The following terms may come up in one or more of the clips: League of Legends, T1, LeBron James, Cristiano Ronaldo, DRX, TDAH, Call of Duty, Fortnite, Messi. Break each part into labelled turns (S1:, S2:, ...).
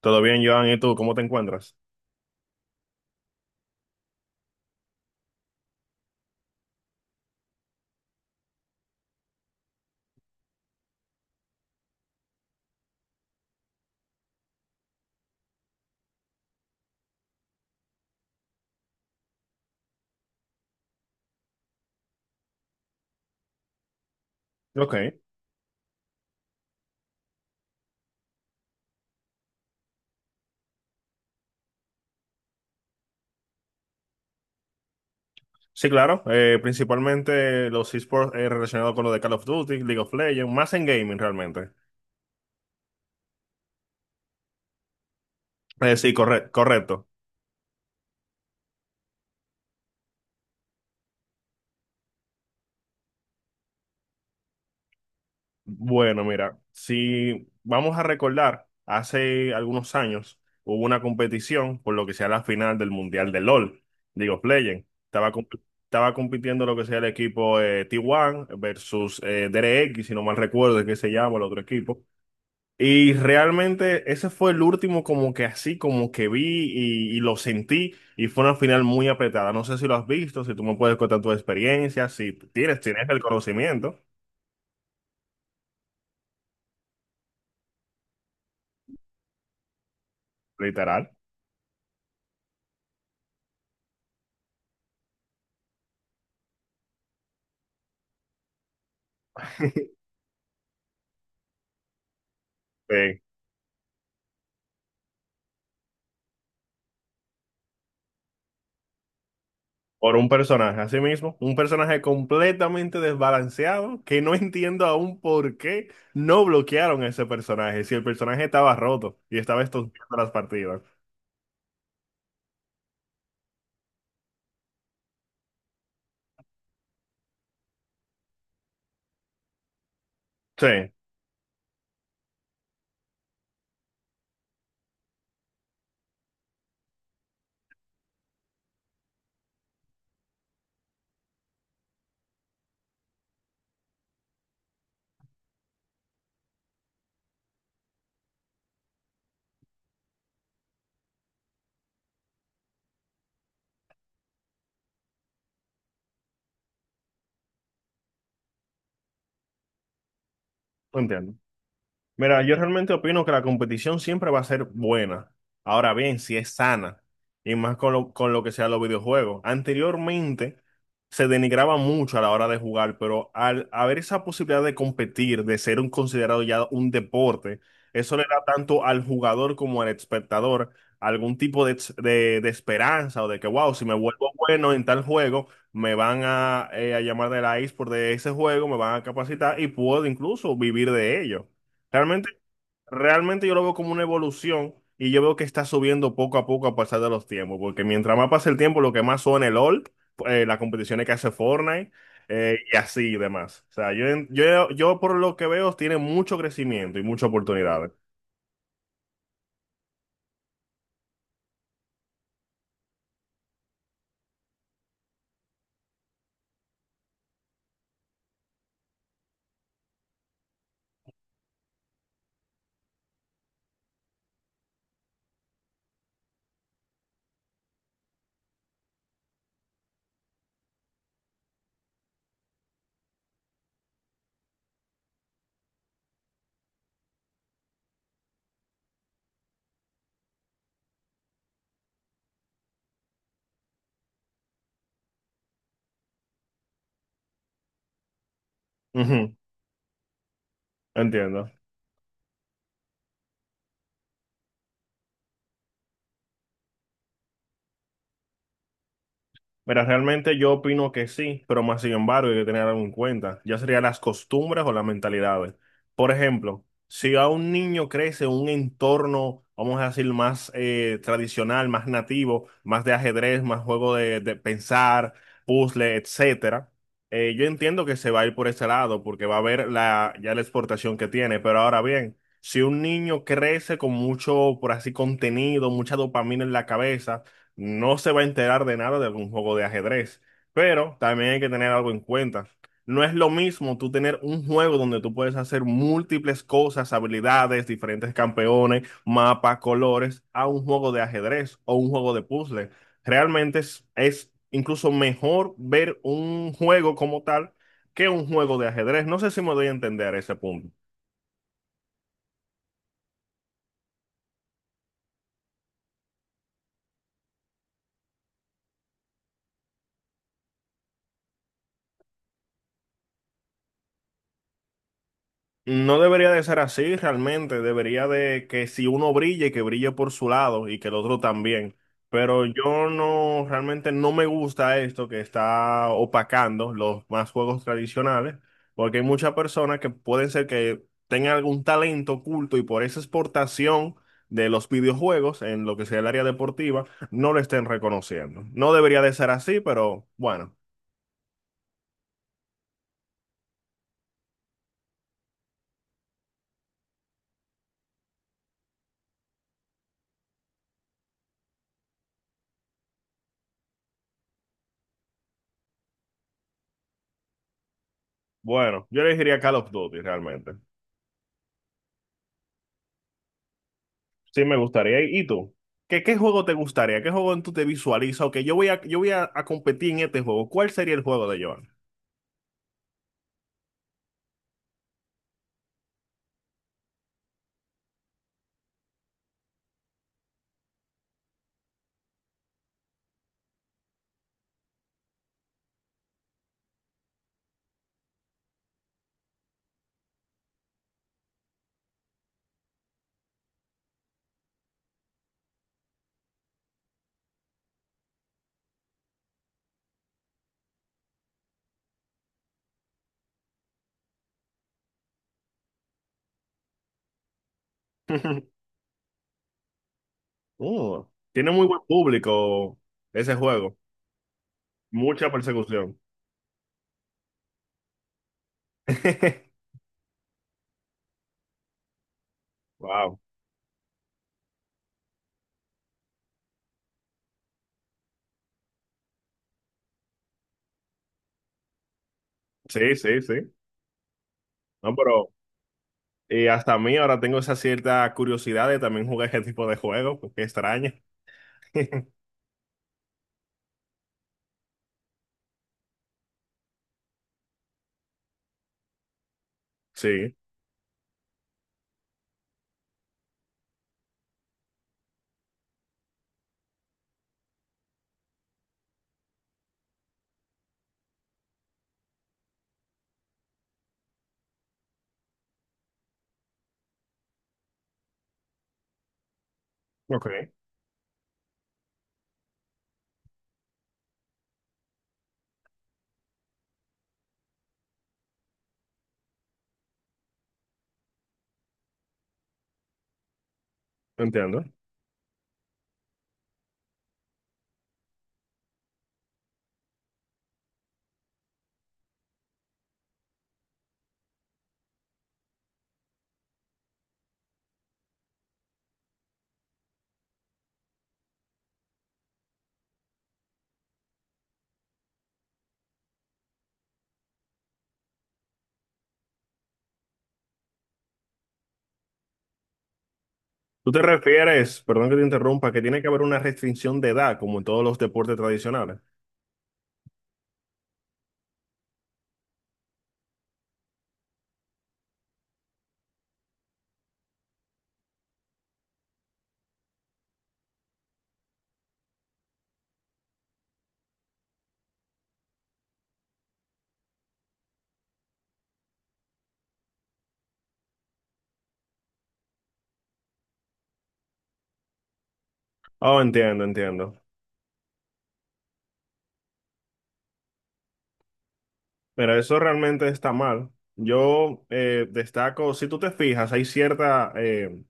S1: Todo bien, Joan, ¿y tú cómo te encuentras? Ok, sí, claro, principalmente los esports relacionados con lo de Call of Duty, League of Legends, más en gaming realmente. Sí, correcto. Bueno, mira, si vamos a recordar, hace algunos años hubo una competición por lo que sea la final del Mundial de LOL, League of Legends. Estaba compitiendo lo que sea el equipo T1 versus DRX, si no mal recuerdo, es que se llama el otro equipo. Y realmente ese fue el último como que así, como que vi y, lo sentí y fue una final muy apretada. No sé si lo has visto, si tú me puedes contar tu experiencia, si tienes, tienes el conocimiento, literal, eh, por un personaje, así mismo, un personaje completamente desbalanceado que no entiendo aún por qué no bloquearon a ese personaje, si el personaje estaba roto y estaba estos las partidas. Sí, no entiendo. Mira, yo realmente opino que la competición siempre va a ser buena. Ahora bien, si es sana, y más con lo que sea los videojuegos. Anteriormente se denigraba mucho a la hora de jugar, pero al haber esa posibilidad de competir, de ser un considerado ya un deporte, eso le da tanto al jugador como al espectador algún tipo de, de esperanza o de que, wow, si me vuelvo bueno en tal juego, me van a llamar de la eSport de ese juego, me van a capacitar y puedo incluso vivir de ello. Realmente, realmente yo lo veo como una evolución y yo veo que está subiendo poco a poco a pasar de los tiempos, porque mientras más pasa el tiempo, lo que más suena el LOL, las competiciones que hace Fortnite, y así y demás. O sea, yo, yo por lo que veo tiene mucho crecimiento y muchas oportunidades. Ujú, entiendo. Mira, realmente yo opino que sí, pero más sin embargo hay que tener algo en cuenta, ya serían las costumbres o las mentalidades. Por ejemplo, si a un niño crece en un entorno, vamos a decir, más tradicional, más nativo, más de ajedrez, más juego de pensar, puzzle, etcétera, yo entiendo que se va a ir por ese lado porque va a ver la, ya la exportación que tiene, pero ahora bien, si un niño crece con mucho, por así, contenido, mucha dopamina en la cabeza, no se va a enterar de nada de algún juego de ajedrez. Pero también hay que tener algo en cuenta. No es lo mismo tú tener un juego donde tú puedes hacer múltiples cosas, habilidades, diferentes campeones, mapas, colores, a un juego de ajedrez o un juego de puzzle. Realmente es incluso mejor ver un juego como tal que un juego de ajedrez. No sé si me doy a entender ese punto. No debería de ser así realmente, debería de que si uno brille, que brille por su lado y que el otro también. Pero yo no, realmente no me gusta esto que está opacando los más juegos tradicionales, porque hay muchas personas que pueden ser que tengan algún talento oculto y por esa exportación de los videojuegos en lo que sea el área deportiva, no lo estén reconociendo. No debería de ser así, pero bueno, bueno, yo elegiría Call of Duty realmente. Sí, me gustaría. ¿Y tú? ¿Qué, qué juego te gustaría? ¿Qué juego tú te visualizas? Ok, a competir en este juego. ¿Cuál sería el juego de Joan? Oh, tiene muy buen público ese juego. Mucha persecución. Wow. Sí, sí, sí. No, pero hasta a mí ahora tengo esa cierta curiosidad de también jugar ese tipo de juegos. Qué extraño. Sí, ok, entiendo. ¿Tú te refieres, perdón que te interrumpa, que tiene que haber una restricción de edad, como en todos los deportes tradicionales? Oh, entiendo, entiendo. Mira, eso realmente está mal. Yo destaco, si tú te fijas, hay cierta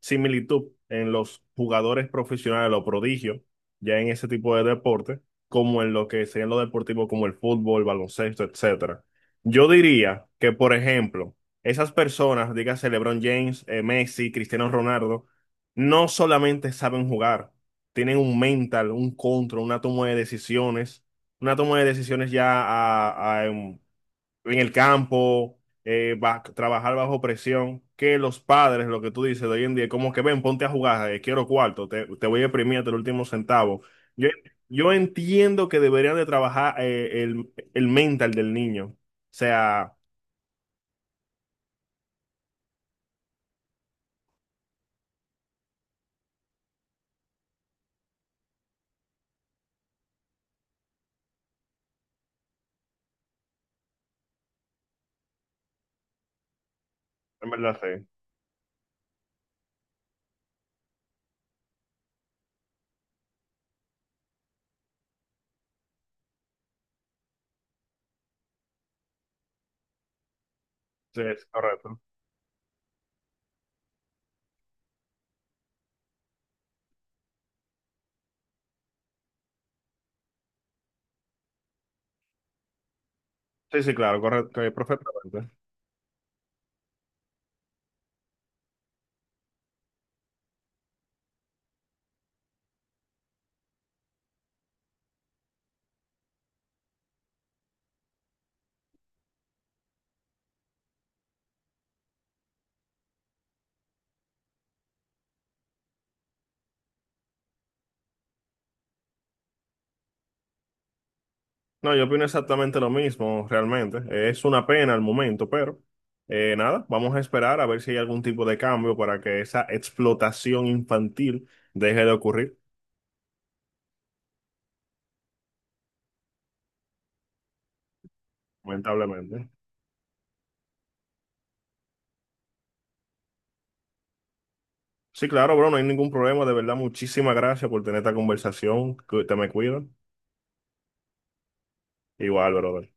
S1: similitud en los jugadores profesionales, los prodigios, ya en ese tipo de deporte, como en lo que serían los deportivos como el fútbol, baloncesto, etcétera. Yo diría que, por ejemplo, esas personas, dígase LeBron James, Messi, Cristiano Ronaldo, no solamente saben jugar, tienen un mental, un control, una toma de decisiones ya a, en el campo, trabajar bajo presión, que los padres, lo que tú dices de hoy en día, como que ven, ponte a jugar, quiero cuarto, te voy a imprimir hasta el último centavo. Yo, yo entiendo que deberían de trabajar el mental del niño. O sea, en verdad sí, sí, es correcto. Sí, sí, claro, correcto, perfectamente. No, yo opino exactamente lo mismo, realmente. Es una pena al momento, pero nada, vamos a esperar a ver si hay algún tipo de cambio para que esa explotación infantil deje de ocurrir, lamentablemente. Sí, claro, bro, no hay ningún problema. De verdad, muchísimas gracias por tener esta conversación. Te me cuidas. Igual, brother.